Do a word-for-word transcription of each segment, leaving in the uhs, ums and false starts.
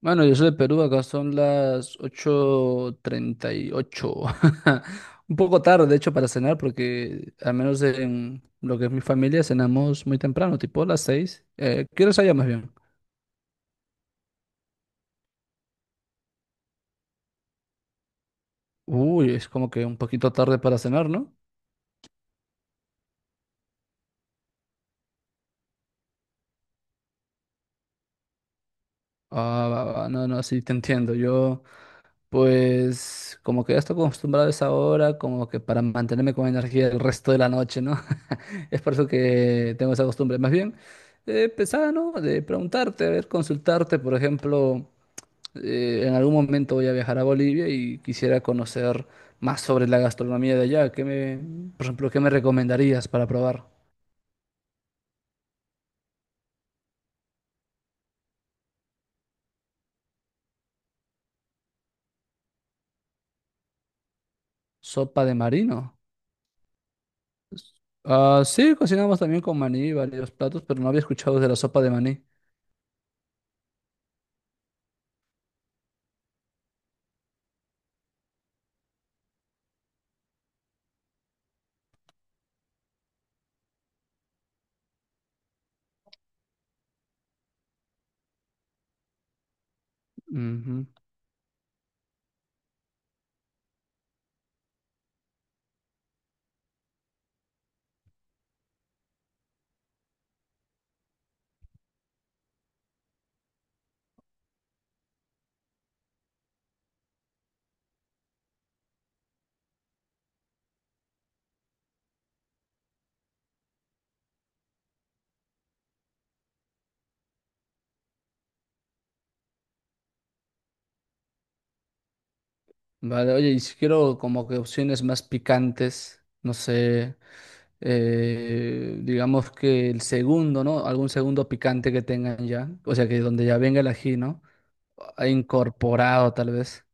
Bueno, yo soy de Perú, acá son las ocho treinta y ocho. Un poco tarde, de hecho, para cenar, porque al menos en lo que es mi familia cenamos muy temprano, tipo las seis. Eh, ¿qué hora es allá más bien? Uy, es como que un poquito tarde para cenar, ¿no? Ah, va, va, no, no, sí, te entiendo. Yo Pues como que ya estoy acostumbrado a esa hora, como que para mantenerme con energía el resto de la noche, ¿no? Es por eso que tengo esa costumbre. Más bien, eh, pensaba, ¿no? De preguntarte, a ver, consultarte, por ejemplo, eh, en algún momento voy a viajar a Bolivia y quisiera conocer más sobre la gastronomía de allá. ¿Qué me, por ejemplo, ¿qué me recomendarías para probar? ¿Sopa de marino? Ah, sí, cocinamos también con maní varios platos, pero no había escuchado de la sopa de maní. Ujú. Vale, oye, y si quiero como que opciones más picantes, no sé, eh, digamos que el segundo, ¿no? Algún segundo picante que tengan ya, o sea, que donde ya venga el ají, ¿no? Ah, incorporado tal vez.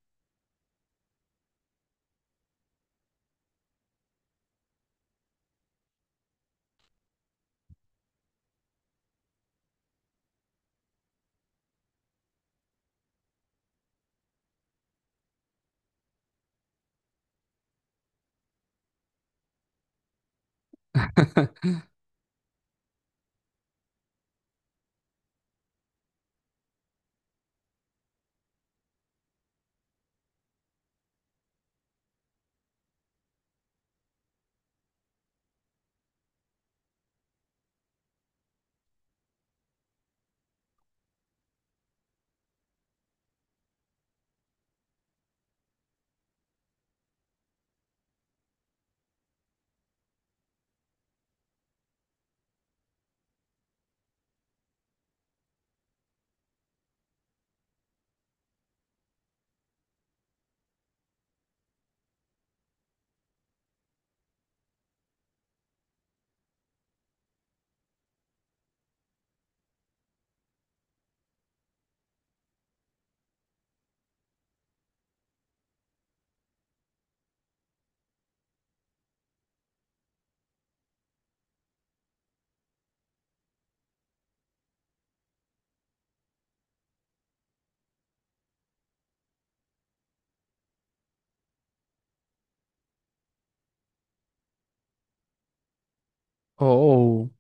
Oh,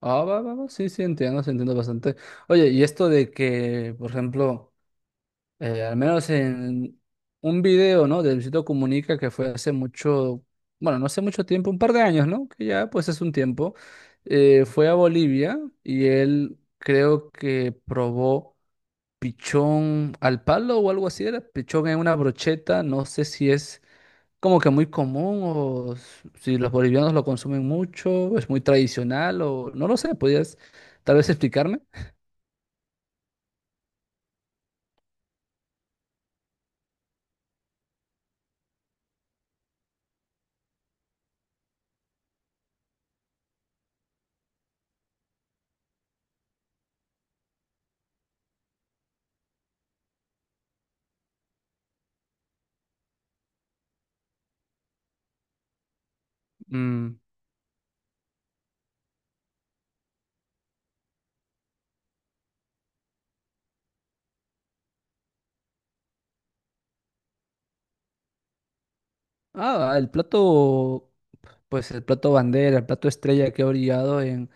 ah, va, va, va, sí, sí, entiendo, sí, entiendo bastante. Oye, y esto de que, por ejemplo, eh, al menos en un video, ¿no? De Luisito Comunica que fue hace mucho, bueno, no hace mucho tiempo, un par de años, ¿no? Que ya pues es un tiempo. Eh, fue a Bolivia y él creo que probó pichón al palo o algo así, era pichón en una brocheta, no sé si es como que muy común o s- si los bolivianos lo consumen mucho, es muy tradicional o no lo sé, podrías tal vez explicarme. Ah, el plato, pues el plato bandera, el plato estrella que ha brillado en,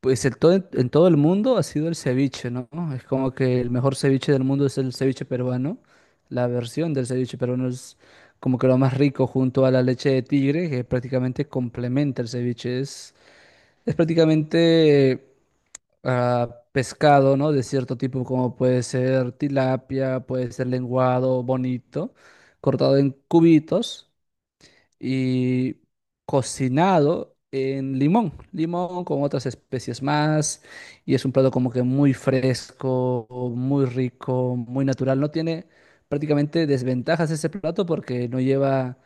pues el todo, en todo el mundo ha sido el ceviche, ¿no? Es como que el mejor ceviche del mundo es el ceviche peruano. La versión del ceviche peruano es como que lo más rico junto a la leche de tigre, que prácticamente complementa el ceviche. Es, es prácticamente ah, pescado, ¿no? De cierto tipo, como puede ser tilapia, puede ser lenguado, bonito, cortado en cubitos y cocinado en limón, limón con otras especies más, y es un plato como que muy fresco, muy rico, muy natural. No tiene prácticamente desventajas ese plato porque no lleva,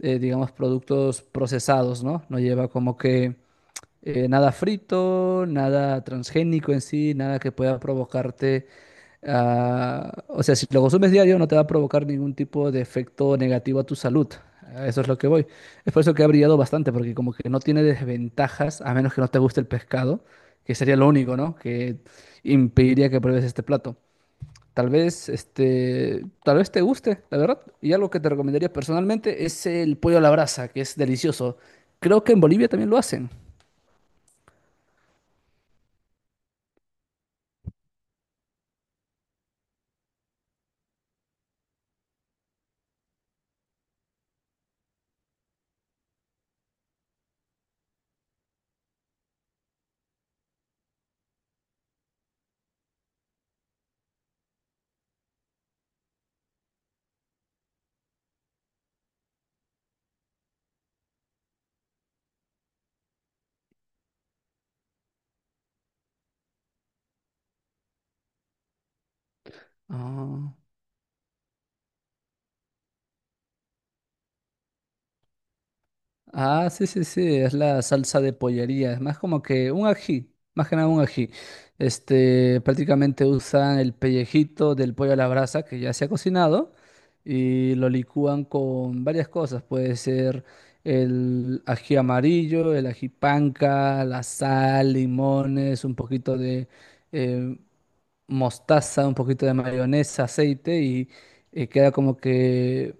eh, digamos, productos procesados, ¿no? No lleva como que eh, nada frito, nada transgénico en sí, nada que pueda provocarte, ah, o sea, si lo consumes diario no te va a provocar ningún tipo de efecto negativo a tu salud. A Eso es lo que voy. Es por eso que ha brillado bastante, porque como que no tiene desventajas, a menos que no te guste el pescado, que sería lo único, ¿no? Que impediría que pruebes este plato. Tal vez, este, tal vez te guste, la verdad. Y algo que te recomendaría personalmente es el pollo a la brasa, que es delicioso. Creo que en Bolivia también lo hacen. Ah. Ah, sí, sí, sí, es la salsa de pollería, es más como que un ají, más que nada un ají. Este, prácticamente usan el pellejito del pollo a la brasa que ya se ha cocinado y lo licúan con varias cosas, puede ser el ají amarillo, el ají panca, la sal, limones, un poquito de eh, mostaza, un poquito de mayonesa, aceite y eh, queda como que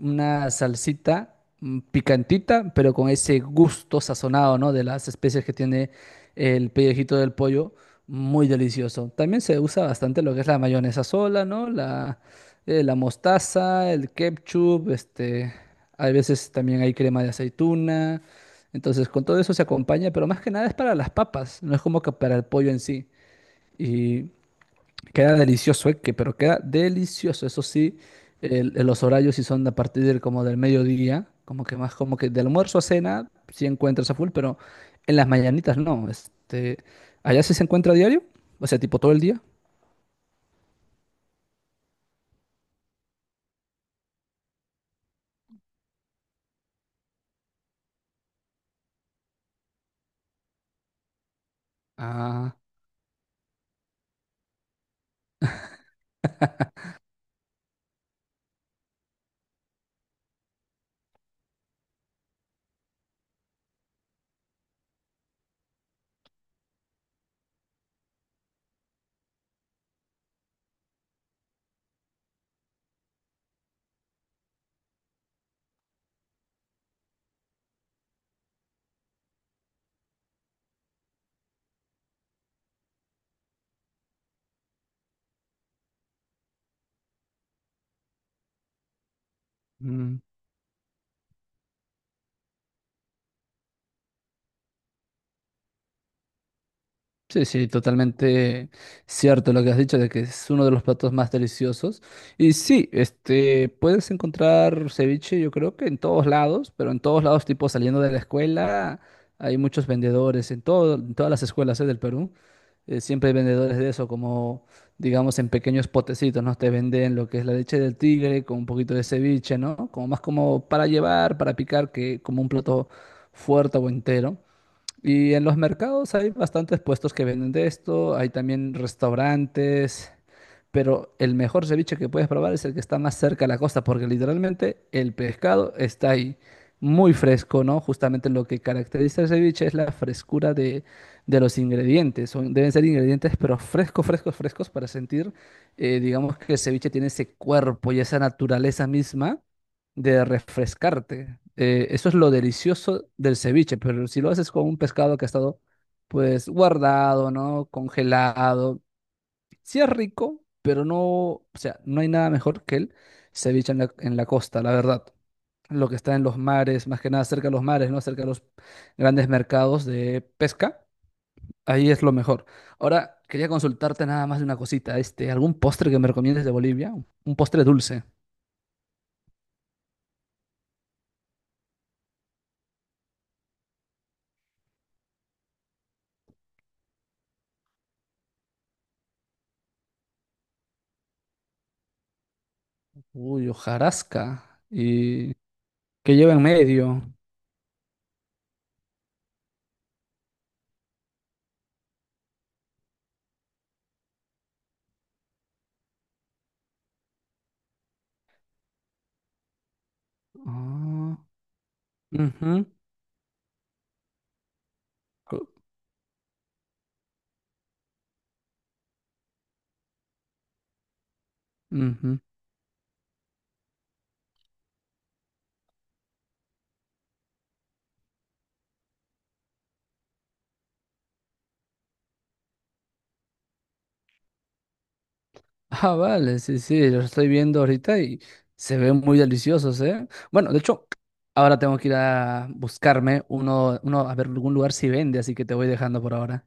una salsita mm, picantita, pero con ese gusto sazonado, ¿no? De las especias que tiene el pellejito del pollo, muy delicioso. También se usa bastante lo que es la mayonesa sola, ¿no? La, eh, la mostaza, el ketchup, este, hay veces también hay crema de aceituna. Entonces, con todo eso se acompaña, pero más que nada es para las papas, no es como que para el pollo en sí. Queda delicioso, eh, que- pero queda delicioso. Eso sí, el- los horarios sí son a partir del, como del mediodía, como que más como que de almuerzo a cena sí encuentras a full, pero en las mañanitas no. Este, allá sí se encuentra a diario, o sea, tipo todo el día. Ah. Sí, sí, totalmente cierto lo que has dicho de que es uno de los platos más deliciosos. Y sí, este, puedes encontrar ceviche, yo creo que en todos lados, pero en todos lados, tipo saliendo de la escuela, hay muchos vendedores en todo, en todas las escuelas, eh, del Perú. Eh, siempre hay vendedores de eso, como digamos en pequeños potecitos, ¿no? Te venden lo que es la leche del tigre con un poquito de ceviche, ¿no? Como más como para llevar, para picar, que como un plato fuerte o entero. Y en los mercados hay bastantes puestos que venden de esto, hay también restaurantes, pero el mejor ceviche que puedes probar es el que está más cerca a la costa, porque literalmente el pescado está ahí muy fresco, ¿no? Justamente lo que caracteriza el ceviche es la frescura de, de los ingredientes. Son, deben ser ingredientes, pero frescos, frescos, frescos para sentir, eh, digamos que el ceviche tiene ese cuerpo y esa naturaleza misma de refrescarte. Eh, eso es lo delicioso del ceviche, pero si lo haces con un pescado que ha estado pues guardado, ¿no? Congelado. Sí es rico, pero no, o sea, no hay nada mejor que el ceviche en la, en la costa, la verdad. Lo que está en los mares, más que nada cerca de los mares, ¿no? Cerca de los grandes mercados de pesca, ahí es lo mejor. Ahora, quería consultarte nada más de una cosita, este, algún postre que me recomiendes de Bolivia, un postre dulce. Uy, hojarasca, ¿y que lleva en medio? Ah, ujú, co- ujú. Ah, vale, sí, sí, los estoy viendo ahorita y se ven muy deliciosos, ¿eh? Bueno, de hecho, ahora tengo que ir a buscarme uno, uno a ver algún lugar si vende, así que te voy dejando por ahora.